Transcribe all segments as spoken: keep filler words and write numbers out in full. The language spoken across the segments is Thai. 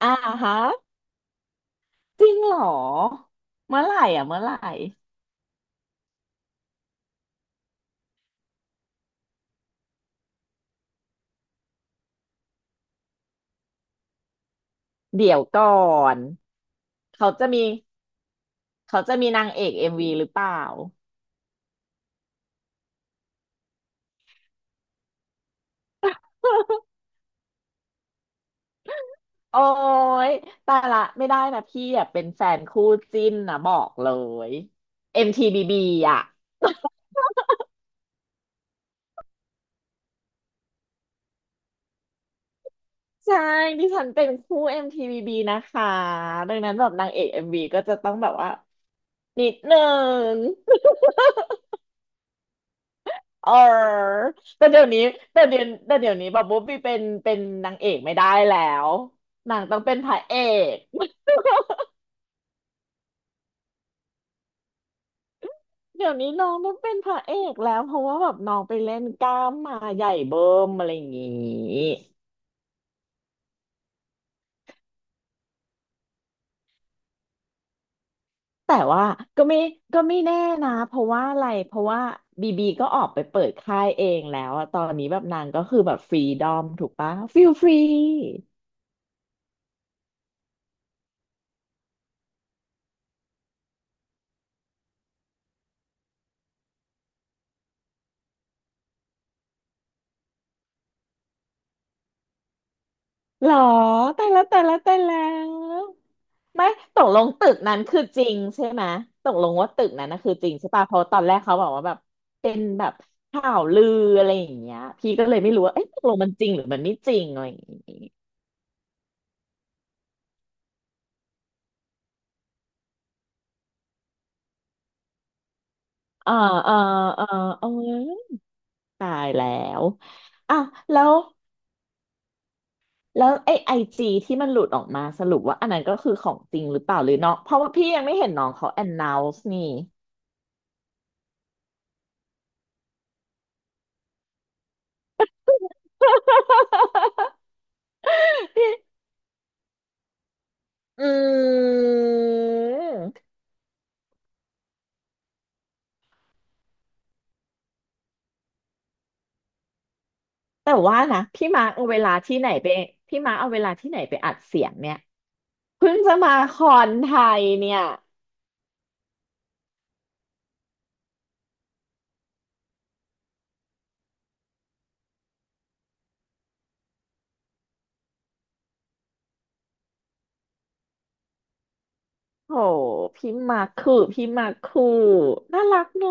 อ่าฮะจริงเหรอเมื่อไหร่อ่ะเมื่อไหร่เดี๋ยวก่อนเขาจะมีเขาจะมีนางเอกเอ็มวีหรือเปล่า โอ้ยแต่ละไม่ได้นะพี่อ่ะเป็นแฟนคู่จิ้นนะบอกเลย เอ็ม ที บี บี อมทีบีบีอ่ะใช่ดิฉันเป็นคู่ เอ็ม ที บี บี นะคะดังนั้นแบบนางเอก เอ็ม วี ก็จะต้องแบบว่านิดนึง เออแต่เดี๋ยวนี้แต่เดี๋ยวแต่เดี๋ยวนี้แบบบ๊อบบี้เป็นเป็นนางเอกไม่ได้แล้วนางต้องเป็นพระเอกเดี๋ยวนี้น้องต้องเป็นพระเอกแล้วเพราะว่าแบบน้องไปเล่นกล้ามมาใหญ่เบิ้มอะไรอย่างงี้แต่ว่าก็ไม่ก็ไม่แน่นะเพราะว่าอะไรเพราะว่าบีบีก็ออกไปเปิดค่ายเองแล้วอะตอนนี้แบบนางก็คือแบบฟรีดอมถูกปะฟิลฟรีหรอแต่ละแต่ละแต่แล้ว ไม่ตกลงตึกนั้นคือจริงใช่ไหมตกลงว่าตึกนั้นนะคือจริงใช่ป่ะเพราะตอนแรกเขาบอกว่าแบบเป็นแบบข่าวลืออะไรอย่างเงี้ยพี่ก็เลยไม่รู้ว่าเอ๊ะตกลงมันจริงหรือมันไม่จริงอะไรอย่างงี้เออเออเออเออตายแล้วอ่ะแล้วแล้วไอไอจีที่มันหลุดออกมาสรุปว่าอันนั้นก็คือของจริงหรือเปล่าหรือน้องเพราะว่าพี่ยังไม่เห็นน้องเขา announce นี่ อืม แต่ว่านะพี่มาร์คเอาเวลาที่ไหนไปพี่มาร์คเอาเวลาที่ไหนไปอัดเสียงเนี่ยเพิ่งจะมาคอนไทยเนี่ยโหพี่มาร์คคือพี่มาร์คคือน่ารักเนอ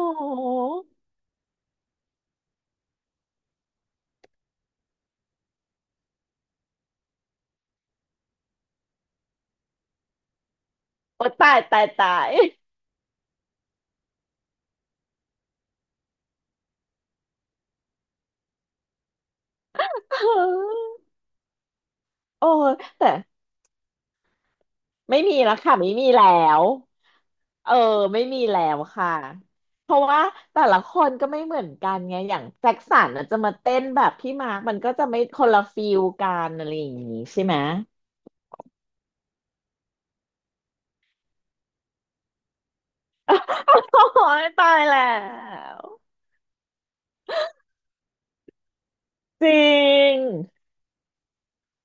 ะโอ้ตายตายตาย โอ้แต่ไม่มีแล้วค่ะไม่มีแล้วเออไม่มีแล้วค่ะเพราะว่าแต่ละคนก็ไม่เหมือนกันไงอย่างแจ็คสันน่ะจะมาเต้นแบบพี่มาร์คมันก็จะไม่คนละฟิลกันอะไรอย่างนี้ใช่ไหม โอ้ยตายแล้วจริง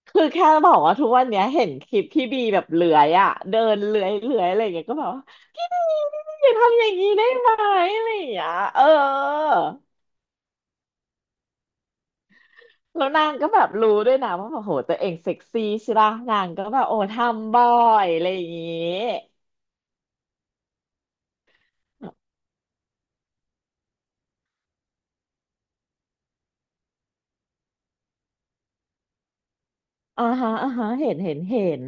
คือแค่บอกว่าทุกวันเนี้ยเห็นคลิปพี่บีแบบเลื้อยอ่ะเดินเลื้อยเลื้อยอะไรอย่างเงี้ยก็แบบว่า พี่บีพี่บีอย่าทำอย่างนี้ได้ไหมอะไรอย่างเงี้ยเออแล้วนางก็แบบรู้ด้วยนะว่าแบบโหตัวเองเซ็กซี่ใช่ปะนางก็แบบโอ้ทำบ่อยอะไรอย่างงี้อ่าฮะอ่าฮะเห็นเห็นเห็น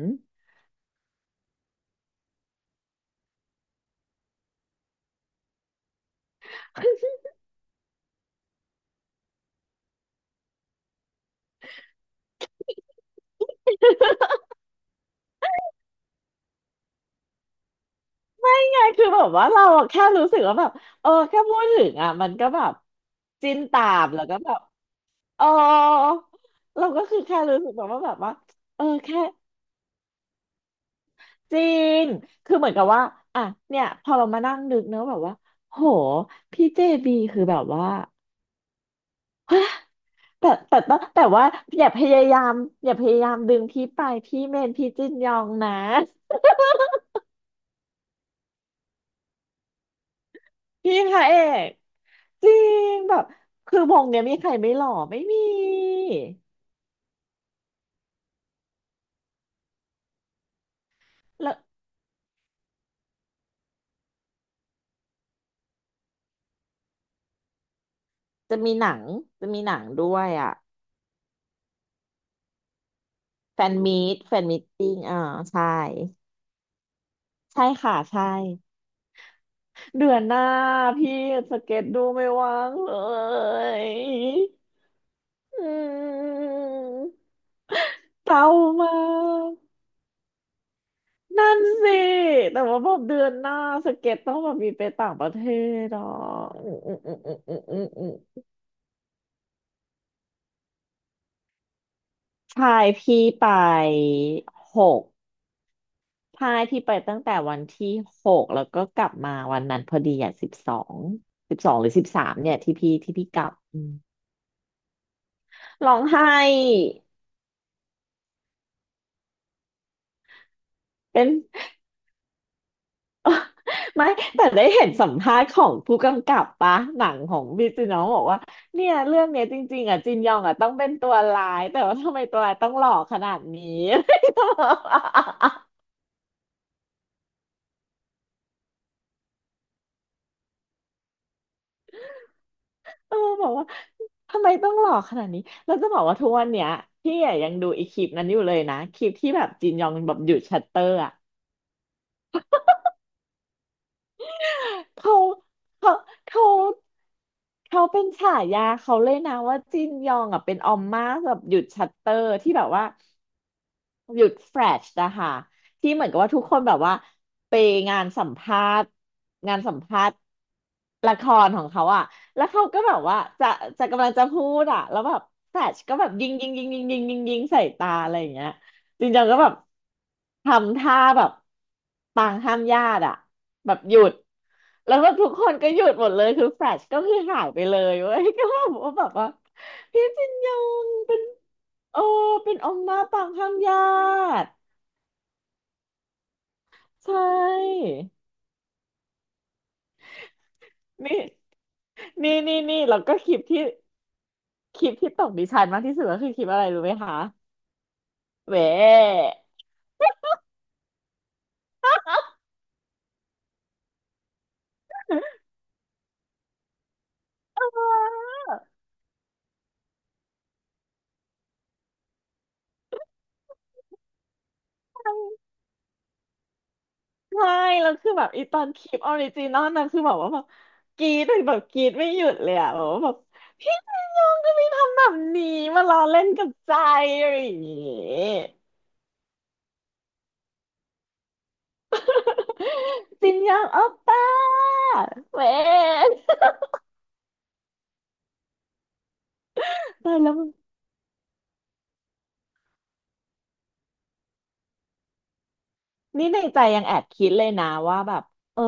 ไงคือแบบว่าเราอะแค่รู้สึกว่าแบบเออแค่พูดถึงอ่ะมันก็แบบจิ้นตามแล้วก็แบบ เออเราก็คือแค่รู้สึกแบบว่าแบบว่าเออแค่จริงคือเหมือนกับว่าอ่ะเนี่ยพอเรามานั่งนึกเนอะแบบว่าโหพี่เจบีคือแบบว่า แต่แต่แต่แต่ว่าอย่าพยายามอย่าพยายามดึงพี่ไปพี่เมนพี่จินยองนะพี่พระเอกจริงแบบคือวงเนี้ยมีใครไม่หล่อไม่มีแล้วจะมีหนังจะมีหนังด้วยอ่ะแฟนมีตแฟนมีตติ้งอ่าใช่ ใช่ค่ะใช่เดือนหน้าพี่สเก็ตดูไม่ว่างเลยอืมเศร้ามากนั่นสิแต่ว่าแบบเดือนหน้าสเก็ตต้องแบบมีไปต่างประเทศอ่ะอืมอืมอืมอืมอืมอืมอืมใช่พี่ไปหกใช่พี่ไปตั้งแต่วันที่หกแล้วก็กลับมาวันนั้นพอดีอ่ะสิบสองสิบสองหรือสิบสามเนี่ยที่พี่ที่พี่กลับอืมร้องไห้เป็น ไม่แต่ได้เห็นสัมภาษณ์ของผู้กำกับปะหนังของพี่จินนองบอกว่าเนี่ยเรื่องเนี้ยจริงๆอ่ะจินยองอ่ะต้องเป็นตัวร้ายแต่ว่าทำไมตัวร้ายต้องหล่อขนาดนี้ เออบอกว่าทำไมต้องหล่อขนาดนี้แล้วจะบอกว่าทุกวันเนี้ยพี่อะยังดูอีคลิปนั้นอยู่เลยนะคลิปที่แบบจินยองแบบหยุดชัตเตอร์อ่ะเขาเขาเขาเขาเป็นฉายาเขาเลยนะว่าจินยองอ่ะเป็นออมม่าแบบหยุดชัตเตอร์ที่แบบว่า หยุดแฟลชนะคะที่เหมือนกับว่าทุกคนแบบว่าไปงานสัมภาษณ์งานสัมภาษณ์ละครของเขาอะแล้วเขาก็แบบว่าจะจะกำลังจะพูดอะแล้วแบบแฟลชก็แบบยิงยิงยิงยิงยิงยิงยิงใส่ตาอะไรอย่างเงี้ยจริงจังก็แบบทำท่าแบบปางห้ามญาติอะแบบหยุดแล้วก็ทุกคนก็หยุดหมดเลยคือแฟลชก็คือหายไปเลยเว้ย ก็แบบว่าแบบว่าพี่จินยองเป็น โอ้ เป็นอมมาต่างข้างญาติใช่ นี่ นี่นี่นี่แล้วก็คลิปที่ คลิปที่ตกดิฉันมากที่สุดก็คือคลิปอะไรรู้ไหมคะแหวใช่แล้วคือแบบอีตอนคลิปออริจินอลนะคือแบบว่าแบบกรี๊ดแบบกรี๊ดไม่หยุดเลยอะแบบว่าแบบพี่นายองทำไมทำแบบนี้มาล้อเล่นกับใจอะไรอย่างงี้ จินยองโอปป้าแหวยตายแล้ว นี่ในใจยังแอบคิดเลยนะว่าแบบเออ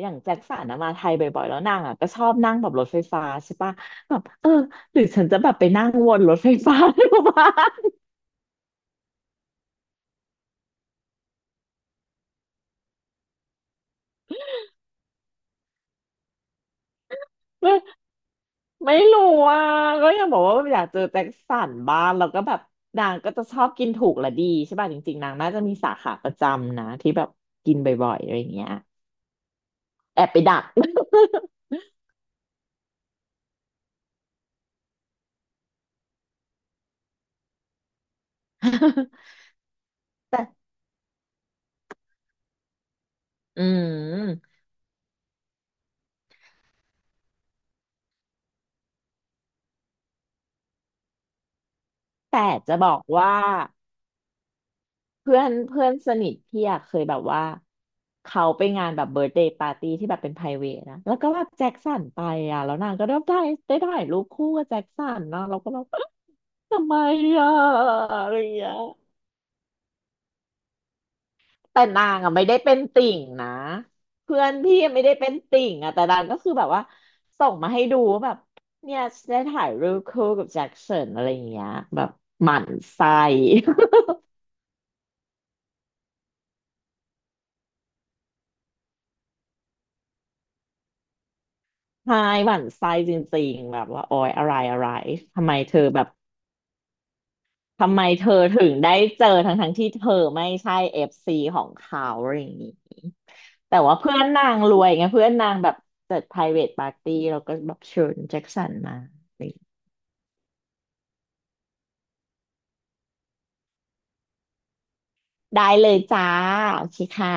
อย่างแจ็คสันนะมาไทยบ่อยๆแล้วนางอ่ะก็ชอบนั่งแบบรถไฟฟ้าใช่ปะแบบเออหรือฉันจะแบบไปนั่งวนรถไฟฟ้าดูบ้างไม่ ไม่รู้อ่ะก็ยังบอกว่าอยากเจอแจ็คสันบ้างแล้วก็แบบนางก็จะชอบกินถูกและดีใช่ป่ะจริงๆนางน่าจะมีสาขาประจำนะที่แบบกินบ่อยๆอะไรอย่างเงี้ยแอบไปดัก แต่อืมแต่จะบอกว่า เพื่อนเพื่อนสนิทพี่อะเคยแบบว่าเขาไปงานแบบเบิร์ d เดย์ปาร์ตี้ที่แบบเป็นไพรเวทนะแล้วก็แบบแจ็คสันไปอะแล้วนางก็ได้ได้ได้ถ่ายรูปคู่กับแจ็คสันนะเราก็แบบทำไมอ่ะอะไรอย่างเงี้ยแต่นางอะไม่ได้เป็นติ่งนะเพื่อนพี่ไม่ได้เป็นติ่งอะแต่นางก็คือแบบว่าส่งมาให้ดูว่าแบบเนี่ยได้ถ่ายรูปคู่กับแจ็คสันอะไรอย่างเงี้ยแบบหมั่นไส้ ใช่หวั่นไส้จริงๆแบบว่าโอยอะไรอะไรทำไมเธอแบบ ทำไมเธอถึงได้เจอทั้งทั้งที่เธอไม่ใช่เอฟซีของเขาอะไรอย่างนี้แต่ว่าเพื่อนนางรวยไงเพื่อนนางแบบจัด private party แล้วก็แบบเชิญแจ็คสันมาอะไรอย่างงี้ได้เลยจ้าโอเคค่ะ